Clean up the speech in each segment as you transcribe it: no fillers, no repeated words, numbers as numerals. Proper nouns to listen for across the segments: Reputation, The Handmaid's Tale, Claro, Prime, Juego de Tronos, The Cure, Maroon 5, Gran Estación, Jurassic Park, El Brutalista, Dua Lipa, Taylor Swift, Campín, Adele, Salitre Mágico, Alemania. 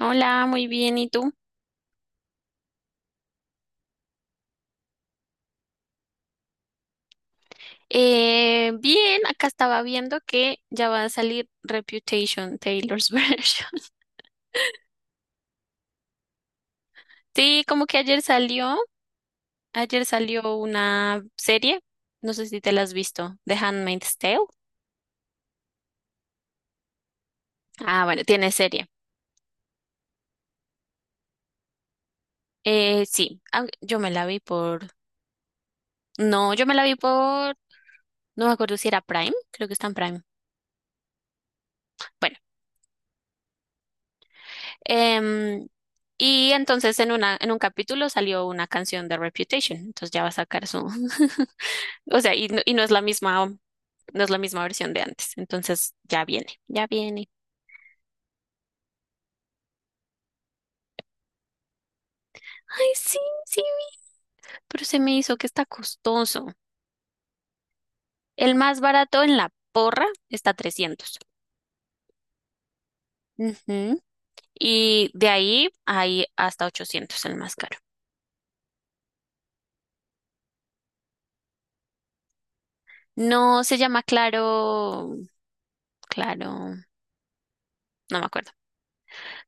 Hola, muy bien. ¿Y tú? Bien, acá estaba viendo que ya va a salir Reputation, Taylor's Version. Sí, como que ayer salió una serie, no sé si te la has visto, The Handmaid's Tale. Ah, bueno, tiene serie. Sí, yo me la vi por, no, yo me la vi por, no me acuerdo si era Prime, creo que está en Prime. Bueno, em, y entonces en una, en un capítulo salió una canción de Reputation, entonces ya va a sacar su O sea, y no es la misma, no es la misma versión de antes. Entonces, ya viene, ya viene. Ay, sí, sí, pero se me hizo que está costoso. El más barato en la porra está trescientos. Ujú. Y de ahí hay hasta ochocientos, el más caro. No se llama Claro, Claro, no me acuerdo.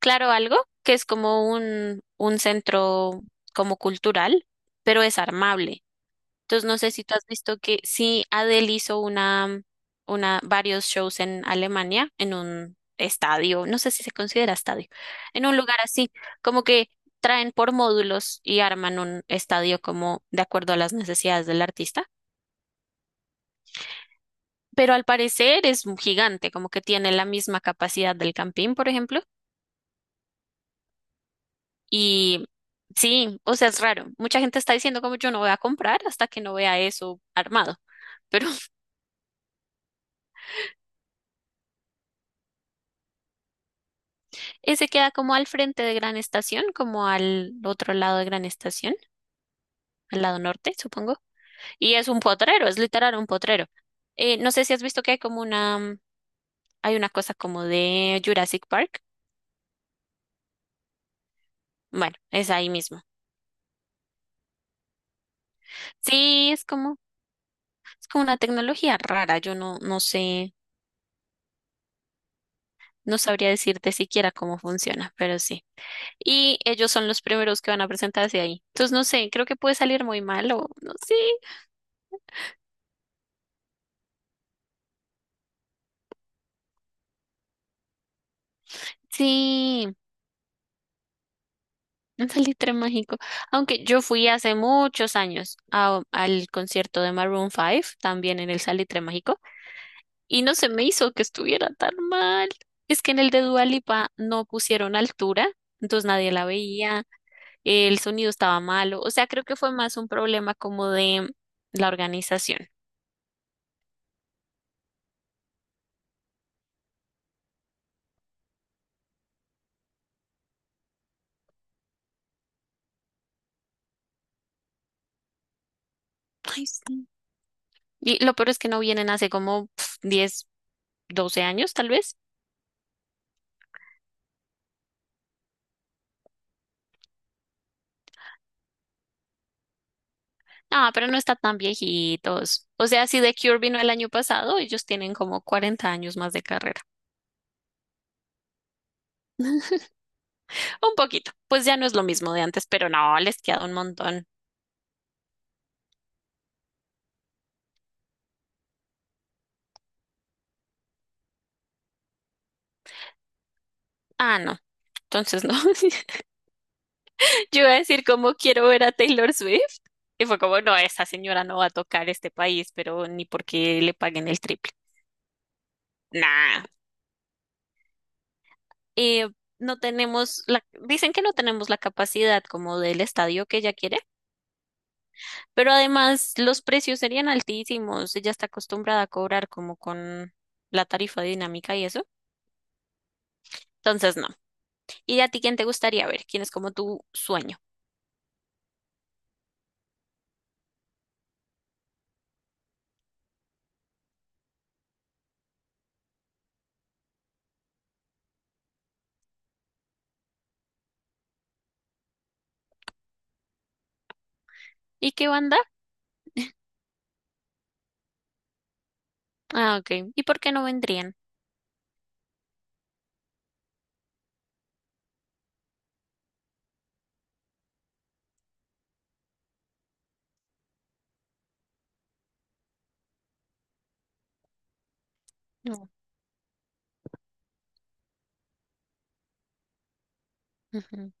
Claro algo, que es como un centro como cultural, pero es armable. Entonces, no sé si tú has visto que sí, Adele hizo una, varios shows en Alemania, en un estadio, no sé si se considera estadio, en un lugar así, como que traen por módulos y arman un estadio como de acuerdo a las necesidades del artista. Pero al parecer es un gigante, como que tiene la misma capacidad del Campín, por ejemplo. Y sí, o sea, es raro. Mucha gente está diciendo como yo no voy a comprar hasta que no vea eso armado. Pero ese queda como al frente de Gran Estación, como al otro lado de Gran Estación, al lado norte, supongo. Y es un potrero, es literal un potrero. No sé si has visto que hay como una, hay una cosa como de Jurassic Park. Bueno, es ahí mismo. Sí, es como una tecnología rara. Yo no, no sé, no sabría decirte siquiera cómo funciona, pero sí. Y ellos son los primeros que van a presentarse ahí. Entonces, no sé, creo que puede salir muy mal o no sé. Sí. Un salitre mágico. Aunque yo fui hace muchos años al concierto de Maroon 5, también en el salitre mágico, y no se me hizo que estuviera tan mal. Es que en el de Dua Lipa no pusieron altura, entonces nadie la veía, el sonido estaba malo, o sea, creo que fue más un problema como de la organización. Ay, sí. Y lo peor es que no vienen hace como 10, 12 años, tal vez. Ah, pero no está tan viejitos. O sea, si The Cure vino el año pasado, ellos tienen como 40 años más de carrera. Un poquito. Pues ya no es lo mismo de antes, pero no, les queda un montón. Ah, no. Entonces no. Yo iba a decir como quiero ver a Taylor Swift. Y fue como, no, esa señora no va a tocar este país, pero ni porque le paguen el triple. Nah. Eh, no tenemos la, dicen que no tenemos la capacidad como del estadio que ella quiere. Pero además los precios serían altísimos. Ella está acostumbrada a cobrar como con la tarifa dinámica y eso. Entonces, no. ¿Y a ti quién te gustaría ver? ¿Quién es como tu sueño? ¿Y qué banda? Ah, ok. ¿Y por qué no vendrían? No. Ujú.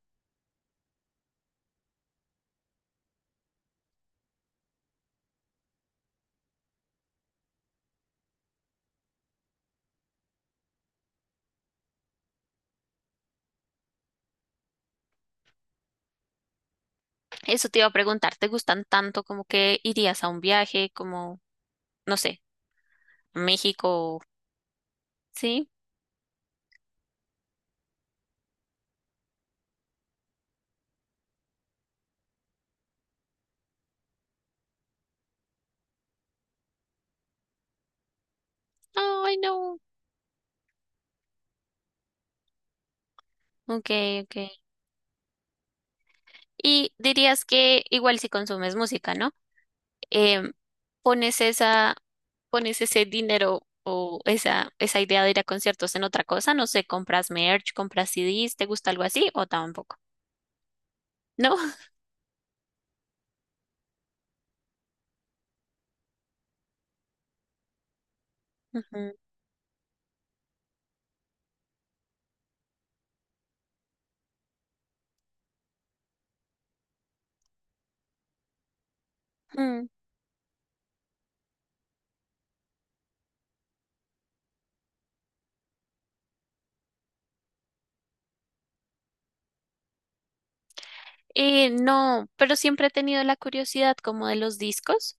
Eso te iba a preguntar. ¿Te gustan tanto como que irías a un viaje como, no sé, a México? Sí. Ay, no. Ok, ok. Y dirías que igual si consumes música, ¿no? em, pones esa, pones ese dinero o esa idea de ir a conciertos en otra cosa, no sé, compras merch, compras CDs, ¿te gusta algo así o tampoco? ¿No? Ujú. Mm. No, pero siempre he tenido la curiosidad como de los discos.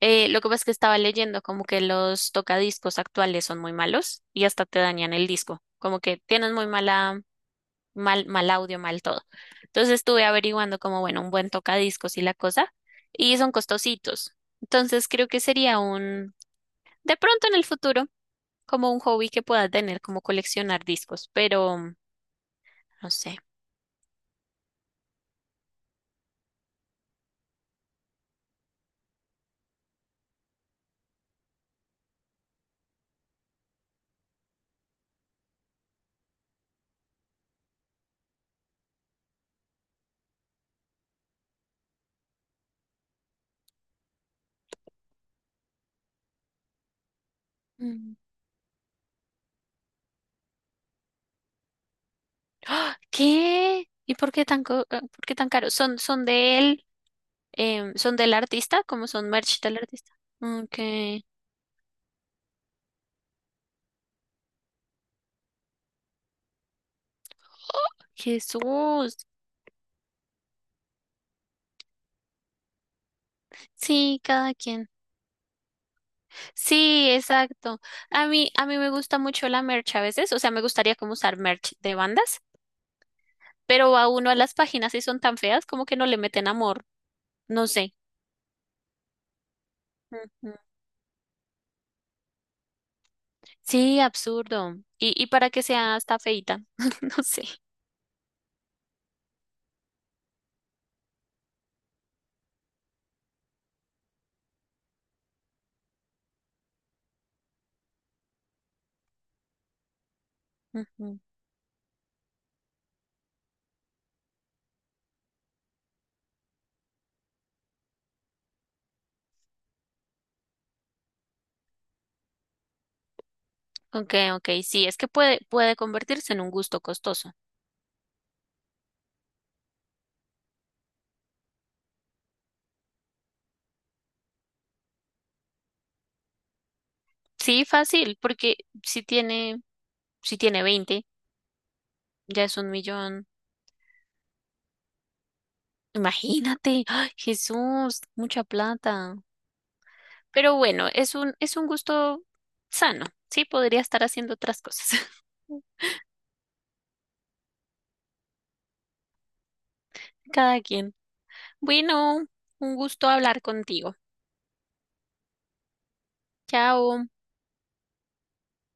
Lo que pasa es que estaba leyendo como que los tocadiscos actuales son muy malos y hasta te dañan el disco, como que tienen muy mala mal, mal audio, mal todo. Entonces estuve averiguando como, bueno, un buen tocadiscos y la cosa, y son costositos. Entonces creo que sería un, de pronto en el futuro, como un hobby que pueda tener, como coleccionar discos, pero no sé. Mm. ¡Ah! ¿Qué? ¿Y por qué tan, por qué tan caro? ¿Son, son de él? ¿Son del artista? ¿Cómo son merch del artista? Ok. Jesús. Sí, cada quien. Sí, exacto. A mí me gusta mucho la merch a veces, o sea, me gustaría como usar merch de bandas, pero a uno a las páginas y son tan feas como que no le meten amor, no sé. Ujú. Sí, absurdo. Y para que sea hasta feita, no sé. Ujú. Ok, ok, sí, es que puede, puede convertirse en un gusto costoso. Sí, fácil, porque si tiene, si tiene veinte, ya es un millón. Imagínate, ¡ay, Jesús, mucha plata! Pero bueno, es un gusto sano, ¿sí? Podría estar haciendo otras cosas. Cada quien. Bueno, un gusto hablar contigo. Chao.